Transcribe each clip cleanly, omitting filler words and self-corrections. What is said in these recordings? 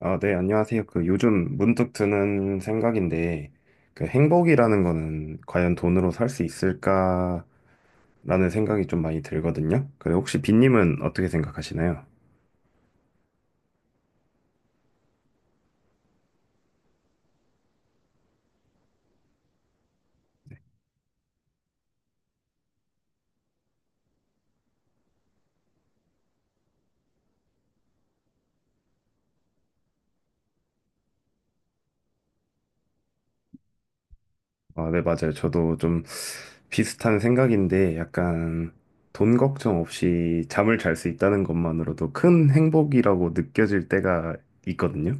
아, 네, 안녕하세요. 그 요즘 문득 드는 생각인데, 그 행복이라는 거는 과연 돈으로 살 수 있을까라는 생각이 좀 많이 들거든요. 그래, 혹시 빈님은 어떻게 생각하시나요? 아, 네, 맞아요. 저도 좀 비슷한 생각인데, 약간 돈 걱정 없이 잠을 잘 수 있다는 것만으로도 큰 행복이라고 느껴질 때가 있거든요.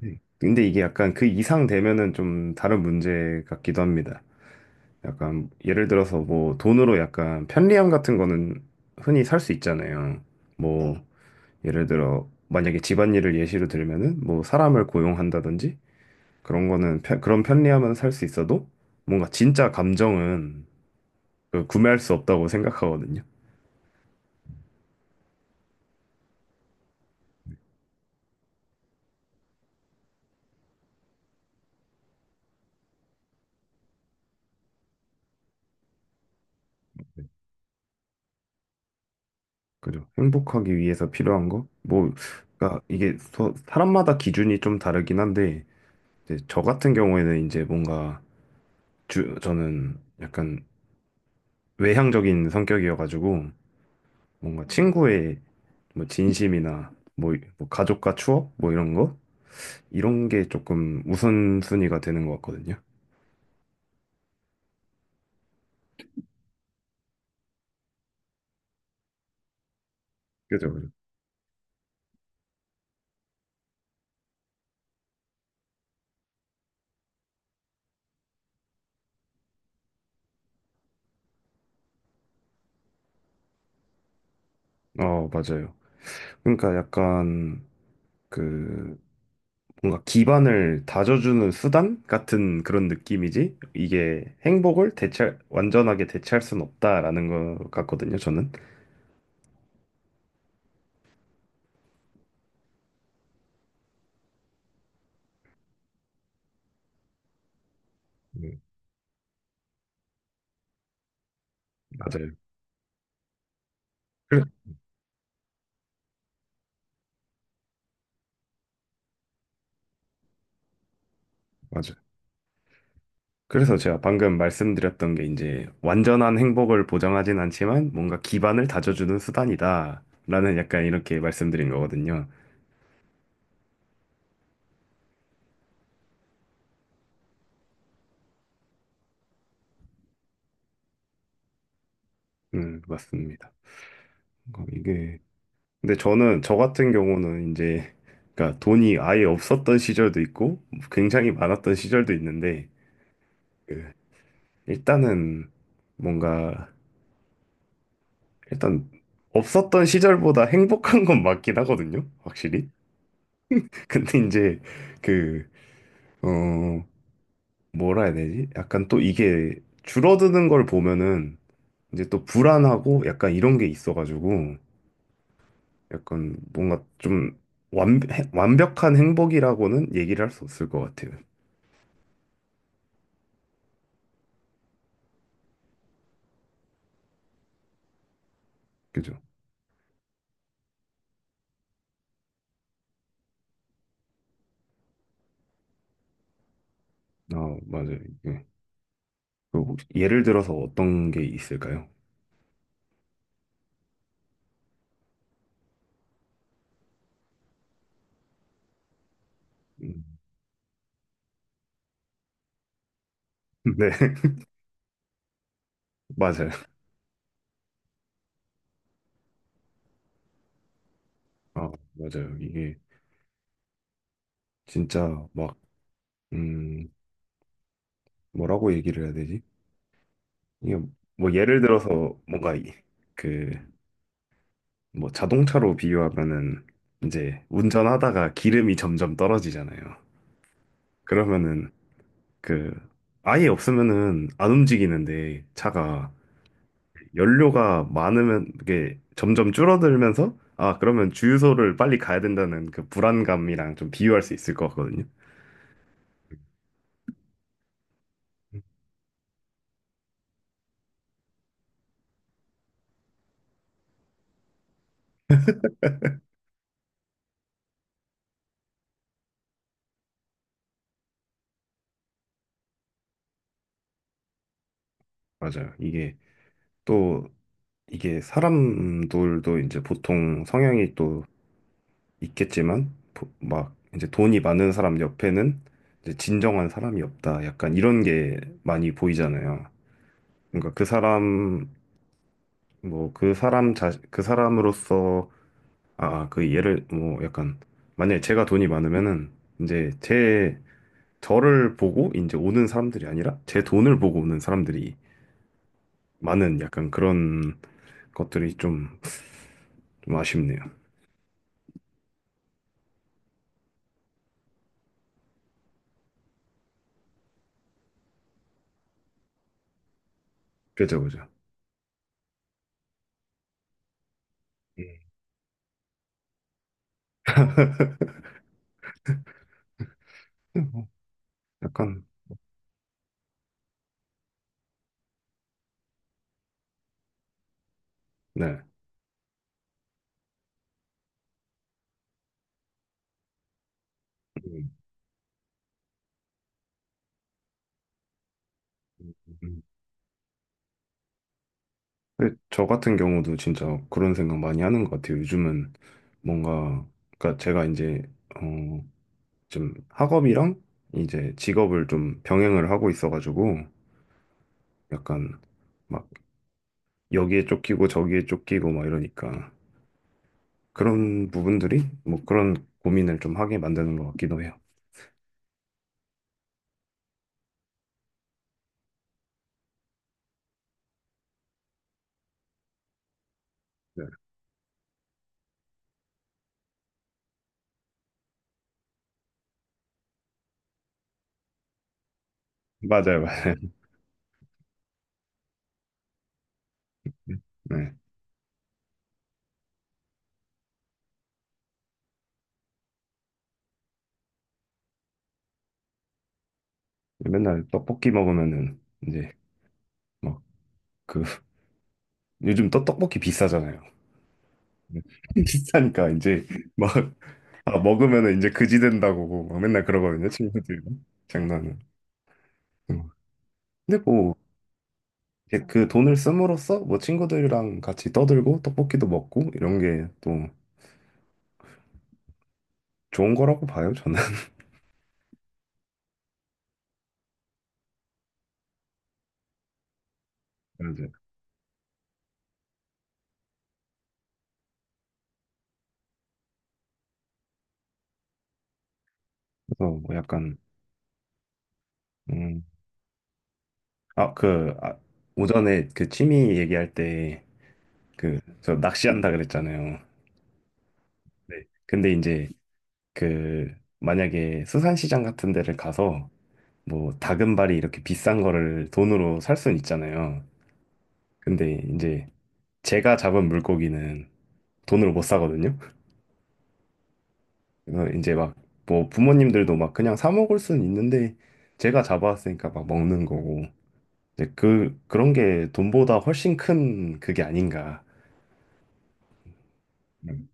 네. 근데 이게 약간 그 이상 되면은 좀 다른 문제 같기도 합니다. 약간 예를 들어서 뭐 돈으로 약간 편리함 같은 거는 흔히 살 수 있잖아요. 뭐 예를 들어 만약에 집안일을 예시로 들면은 뭐 사람을 고용한다든지 그런 거는 그런 편리함은 살 수 있어도 뭔가 진짜 감정은 그 구매할 수 없다고 생각하거든요. 그죠? 행복하기 위해서 필요한 거? 뭐 그러니까 이게 사람마다 기준이 좀 다르긴 한데 이제 저 같은 경우에는 이제 뭔가 저는 약간 외향적인 성격이어가지고 뭔가 친구의 뭐 진심이나 뭐 가족과 추억 뭐 이런 거 이런 게 조금 우선순위가 되는 것 같거든요. 그죠, 그죠. 어, 맞아요. 그러니까 약간 그 뭔가 기반을 다져주는 수단 같은 그런 느낌이지 이게 행복을 대체 완전하게 대체할 수는 없다라는 것 같거든요. 저는. 음, 맞아요. 그래. 맞아요. 그래서 제가 방금 말씀드렸던 게 이제 완전한 행복을 보장하진 않지만 뭔가 기반을 다져주는 수단이다라는 약간 이렇게 말씀드린 거거든요. 맞습니다. 어, 이게 근데 저는 저 같은 경우는 이제 그러니까 돈이 아예 없었던 시절도 있고 굉장히 많았던 시절도 있는데 그 일단은 뭔가 일단 없었던 시절보다 행복한 건 맞긴 하거든요. 확실히. 근데 이제 그 어, 뭐라 해야 되지? 약간 또 이게 줄어드는 걸 보면은 이제 또 불안하고 약간 이런 게 있어가지고 약간 뭔가 좀 완, 완벽한 행복이라고는 얘기를 할 수 없을 것 같아요. 그죠? 아, 맞아요. 예. 그 혹시 예를 들어서 어떤 게 있을까요? 음. 네, 맞아요. 아, 맞아요. 이게 진짜 막, 음, 뭐라고 얘기를 해야 되지? 이게 뭐 예를 들어서 뭔가 그 뭐 자동차로 비유하면은 이제 운전하다가 기름이 점점 떨어지잖아요. 그러면은 그 아예 없으면은 안 움직이는데 차가 연료가 많으면 이게 점점 줄어들면서 아 그러면 주유소를 빨리 가야 된다는 그 불안감이랑 좀 비유할 수 있을 것 같거든요. 맞아요. 이게 또 이게 사람들도 이제 보통 성향이 또 있겠지만 막 이제 돈이 많은 사람 옆에는 이제 진정한 사람이 없다. 약간 이런 게 많이 보이잖아요. 그러니까 그 사람 뭐 그 사람 자 그 사람으로서 그 예를 뭐 약간 만약에 제가 돈이 많으면은 이제 제 저를 보고 이제 오는 사람들이 아니라 제 돈을 보고 오는 사람들이 많은 약간 그런 것들이 좀 아쉽네요. 그죠, 그죠. 음. 뭐 약간 네. 음, 음. 근데 저 같은 경우도 진짜 그런 생각 많이 하는 것 같아요. 요즘은 뭔가, 그러니까 어, 좀 학업이랑 이제 직업을 좀 병행을 하고 있어가지고 약간 막 여기에 쫓기고 저기에 쫓기고 막 이러니까 그런 부분들이 뭐 그런 고민을 좀 하게 만드는 것 같기도 해요. 네. 맞아요, 맞아요. 네. 맨날 떡볶이 먹으면은 이제 막 그 요즘 또 떡볶이 비싸잖아요. 비싸니까 이제 막 아, 먹으면은 이제 그지 된다고 뭐 막 맨날 그러거든요, 친구들이랑. 장난은. 음. 근데 뭐, 이제 그 돈을 씀으로써 뭐 친구들이랑 같이 떠들고 떡볶이도 먹고 이런 게 또 좋은 거라고 봐요, 저는. 그래서 뭐 약간, 음, 아, 그, 아, 오전에 그 취미 얘기할 때 그, 저 낚시한다 그랬잖아요. 네. 근데 이제 그, 만약에 수산시장 같은 데를 가서 뭐 다금발이 이렇게 비싼 거를 돈으로 살 순 있잖아요. 근데 이제 제가 잡은 물고기는 돈으로 못 사거든요. 그래서 이제 막 뭐 부모님들도 막 그냥 사 먹을 수는 있는데 제가 잡아왔으니까 막 먹는 거고 이제 그 그런 게 돈보다 훨씬 큰 그게 아닌가. 음,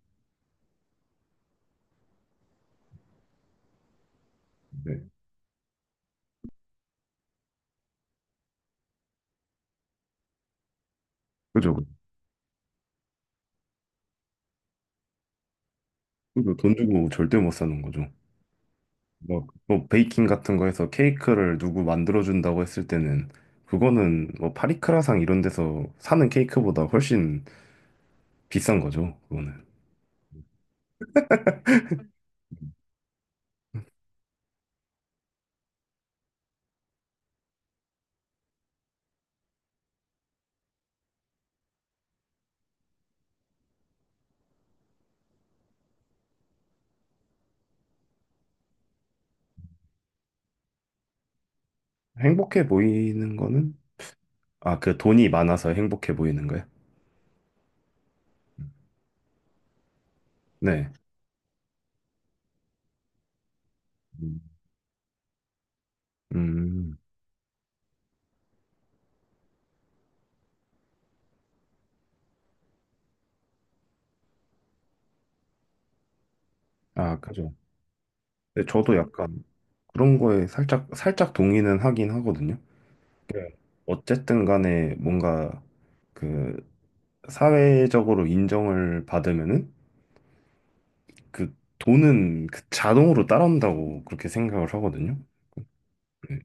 네. 그죠. 그죠. 돈 주고 절대 못 사는 거죠. 뭐, 뭐 베이킹 같은 거 해서 케이크를 누구 만들어 준다고 했을 때는 그거는 뭐 파리크라상 이런 데서 사는 케이크보다 훨씬 비싼 거죠. 그거는 행복해 보이는 거는 아, 그 돈이 많아서 행복해 보이는 거예요? 음. 네. 음. 음, 아, 그죠. 근데 저도 약간 그런 거에 살짝 동의는 하긴 하거든요. 네. 어쨌든 간에 뭔가 그 사회적으로 인정을 받으면은 그 돈은 그 자동으로 따라온다고 그렇게 생각을 하거든요. 네.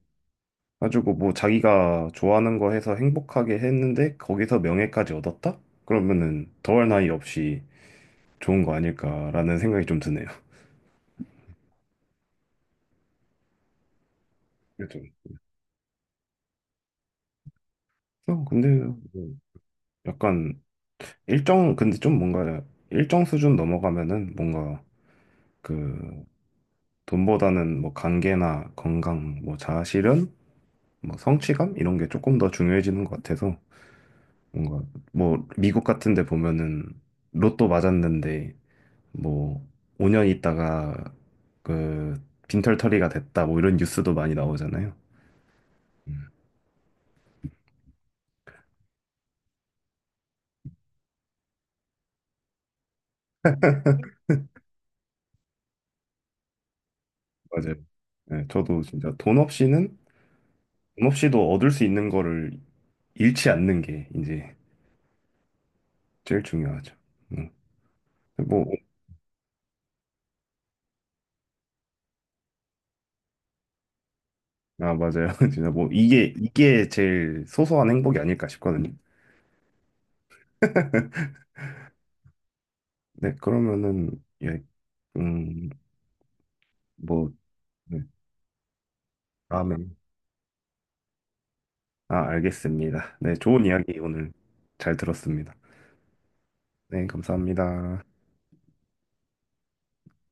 가지고 뭐 자기가 좋아하는 거 해서 행복하게 했는데 거기서 명예까지 얻었다? 그러면은 더할 나위 없이 좋은 거 아닐까라는 생각이 좀 드네요. 그래도 어, 근데 뭐 약간 일정 근데 좀 뭔가 일정 수준 넘어가면은 뭔가 그 돈보다는 뭐 관계나 건강 뭐 자아실현 뭐 성취감 이런 게 조금 더 중요해지는 것 같아서 뭔가 뭐 미국 같은 데 보면은 로또 맞았는데 뭐 5년 있다가 그 빈털터리가 됐다 뭐 이런 뉴스도 많이 나오잖아요. 맞아요. 네, 저도 진짜 돈 없이는 돈 없이도 얻을 수 있는 거를 잃지 않는 게 이제 제일 중요하죠. 음. 뭐, 아, 맞아요. 진짜 뭐, 이게, 이게 제일 소소한 행복이 아닐까 싶거든요. 네, 그러면은, 예, 음, 뭐, 네, 다음에, 아, 알겠습니다. 네, 좋은 이야기 오늘 잘 들었습니다. 네, 감사합니다.